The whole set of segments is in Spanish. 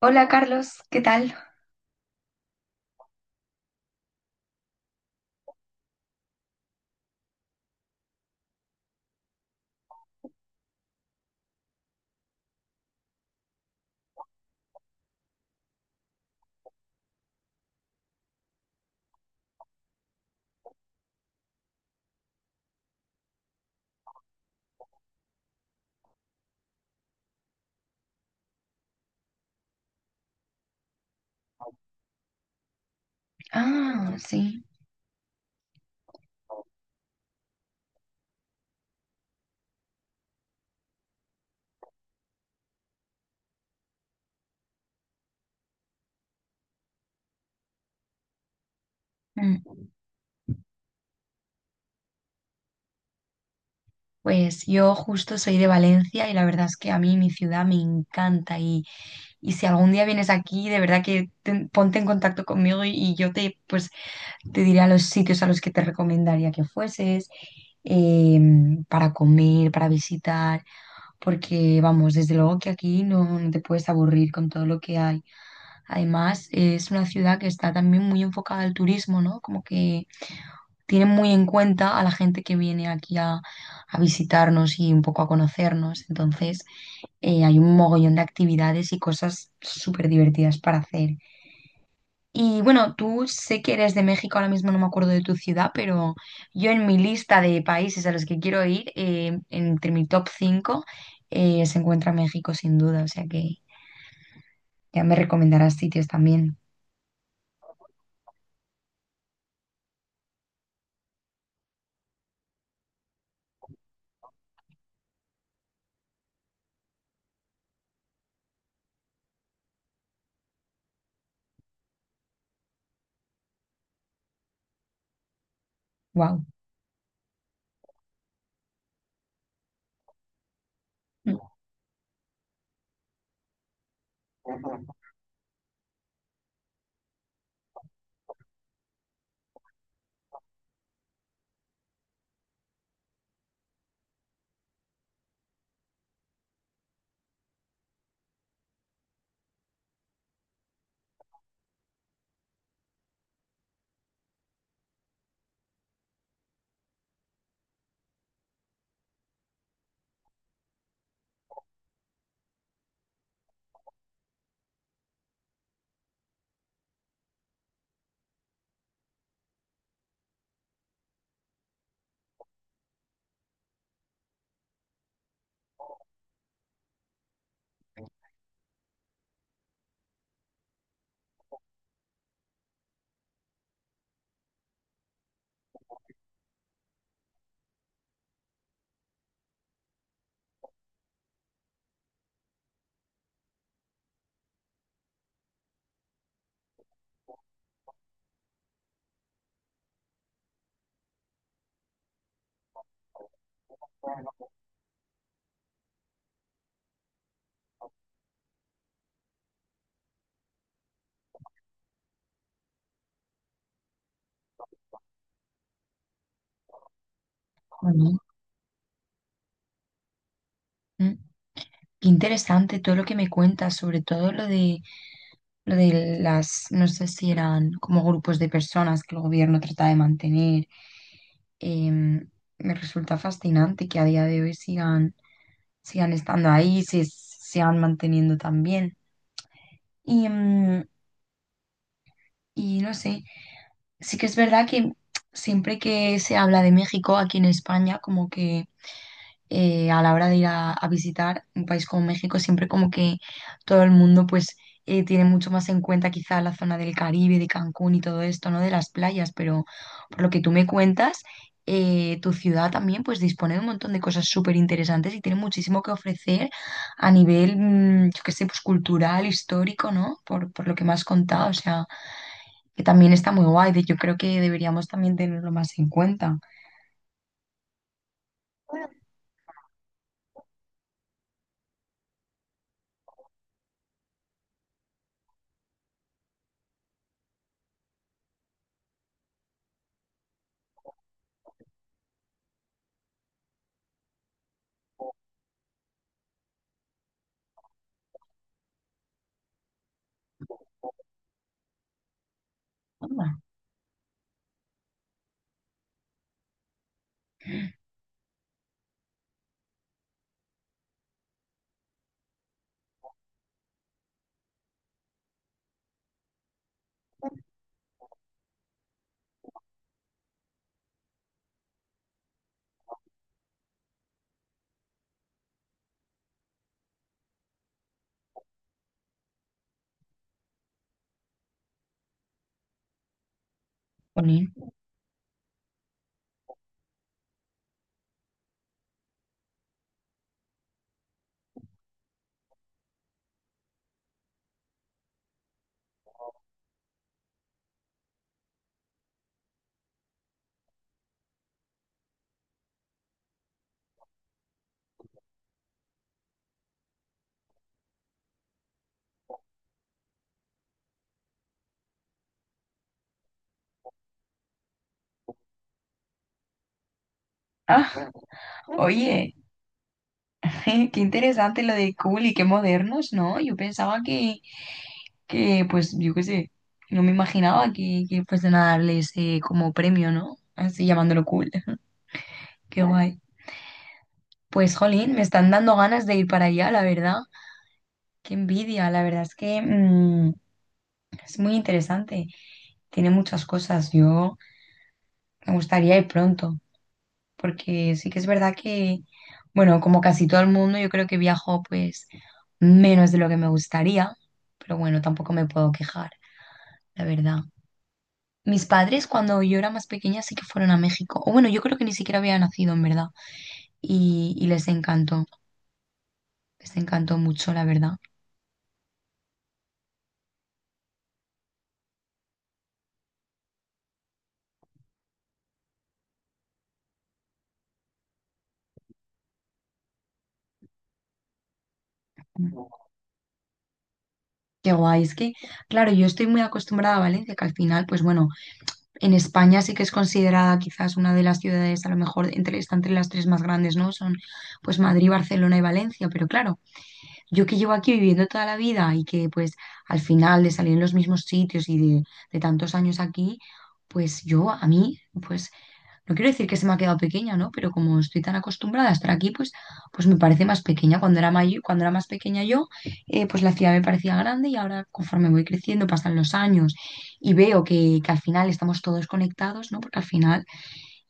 Hola Carlos, ¿qué tal? Ah, sí. Mm, pues yo justo soy de Valencia y la verdad es que a mí mi ciudad me encanta, y si algún día vienes aquí, de verdad que ponte en contacto conmigo y yo te, pues, te diré a los sitios a los que te recomendaría que fueses para comer, para visitar, porque vamos, desde luego que aquí no, no te puedes aburrir con todo lo que hay. Además, es una ciudad que está también muy enfocada al turismo, ¿no? Como que tienen muy en cuenta a la gente que viene aquí a visitarnos y un poco a conocernos. Entonces, hay un mogollón de actividades y cosas súper divertidas para hacer. Y bueno, tú sé que eres de México, ahora mismo no me acuerdo de tu ciudad, pero yo en mi lista de países a los que quiero ir, entre mi top 5 se encuentra México sin duda, o sea que ya me recomendarás sitios también. Wow. Qué interesante todo lo que me cuentas, sobre todo lo de las, no sé si eran como grupos de personas que el gobierno trata de mantener. Em, me resulta fascinante que a día de hoy sigan, sigan estando ahí, se sigan manteniendo también. Y, y no sé, sí que es verdad que siempre que se habla de México aquí en España, como que a la hora de ir a visitar un país como México, siempre como que todo el mundo pues tiene mucho más en cuenta quizá la zona del Caribe, de Cancún y todo esto, ¿no? De las playas, pero por lo que tú me cuentas, tu ciudad también pues dispone de un montón de cosas súper interesantes y tiene muchísimo que ofrecer a nivel, yo qué sé, pues cultural, histórico, ¿no? Por lo que me has contado, o sea, que también está muy guay, yo creo que deberíamos también tenerlo más en cuenta. Jolín. Ah, oye, qué interesante lo de cool y qué modernos, ¿no? Yo pensaba que pues, yo qué sé, no me imaginaba que fuesen a darles como premio, ¿no? Así llamándolo cool. Qué guay. Pues, jolín, me están dando ganas de ir para allá, la verdad. Qué envidia, la verdad es que es muy interesante. Tiene muchas cosas. Yo me gustaría ir pronto, porque sí que es verdad que, bueno, como casi todo el mundo, yo creo que viajo pues menos de lo que me gustaría, pero bueno, tampoco me puedo quejar, la verdad. Mis padres cuando yo era más pequeña sí que fueron a México, o bueno, yo creo que ni siquiera había nacido en verdad, y les encantó mucho, la verdad. Qué guay, es que, claro, yo estoy muy acostumbrada a Valencia, que al final, pues bueno, en España sí que es considerada quizás una de las ciudades, a lo mejor entre, está entre las tres más grandes, ¿no? Son pues Madrid, Barcelona y Valencia, pero claro, yo que llevo aquí viviendo toda la vida y que pues al final de salir en los mismos sitios y de tantos años aquí, pues yo a mí, pues no quiero decir que se me ha quedado pequeña, ¿no? Pero como estoy tan acostumbrada a estar aquí, pues, pues me parece más pequeña. Cuando era mayor, cuando era más pequeña yo, pues la ciudad me parecía grande y ahora conforme voy creciendo, pasan los años y veo que al final estamos todos conectados, ¿no? Porque al final,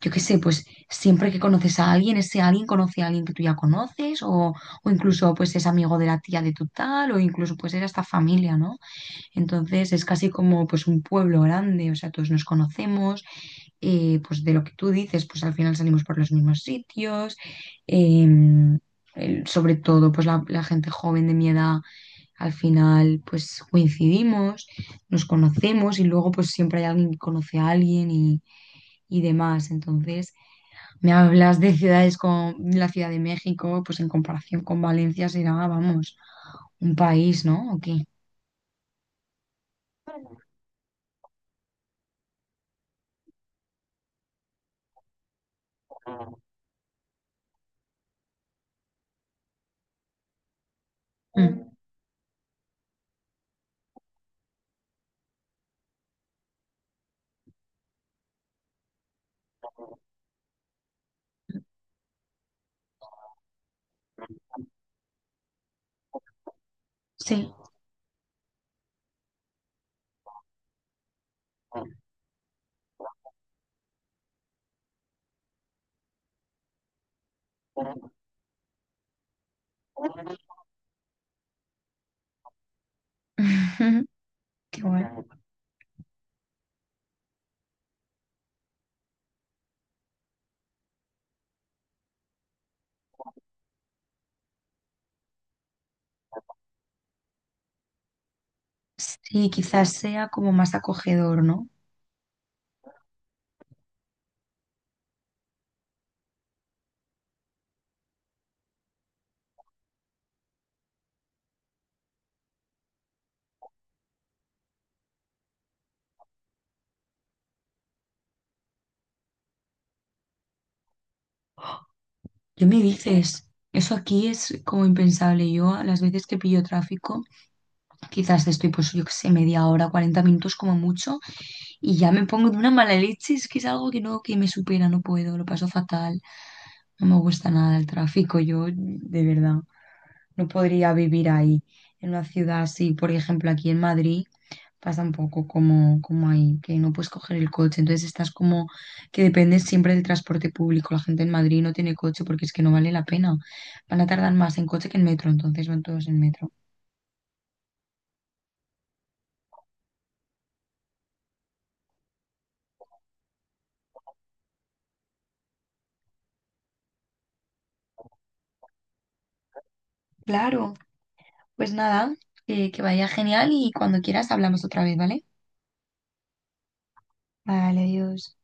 yo qué sé, pues siempre que conoces a alguien, ese alguien conoce a alguien que tú ya conoces o incluso pues es amigo de la tía de tu tal o incluso pues era hasta familia, ¿no? Entonces es casi como pues un pueblo grande, o sea, todos nos conocemos, pues de lo que tú dices, pues al final salimos por los mismos sitios, em, sobre todo pues la gente joven de mi edad, al final pues coincidimos, nos conocemos y luego pues siempre hay alguien que conoce a alguien y demás. Entonces, me hablas de ciudades como la Ciudad de México, pues en comparación con Valencia será, vamos, un país, ¿no? ¿O qué? Mm. Sí. Qué guay. Sí, quizás sea como más acogedor, ¿no? ¿Qué me dices? Eso aquí es como impensable. Yo a las veces que pillo tráfico, quizás estoy pues yo qué sé, media hora, 40 minutos como mucho, y ya me pongo de una mala leche. Es que es algo que no, que me supera, no puedo, lo paso fatal. No me gusta nada el tráfico, yo de verdad no podría vivir ahí, en una ciudad así, por ejemplo, aquí en Madrid pasa un poco como, como ahí, que no puedes coger el coche, entonces estás como que dependes siempre del transporte público. La gente en Madrid no tiene coche porque es que no vale la pena. Van a tardar más en coche que en metro, entonces van todos en metro. Claro, pues nada, que vaya genial y cuando quieras hablamos otra vez, ¿vale? Vale, adiós.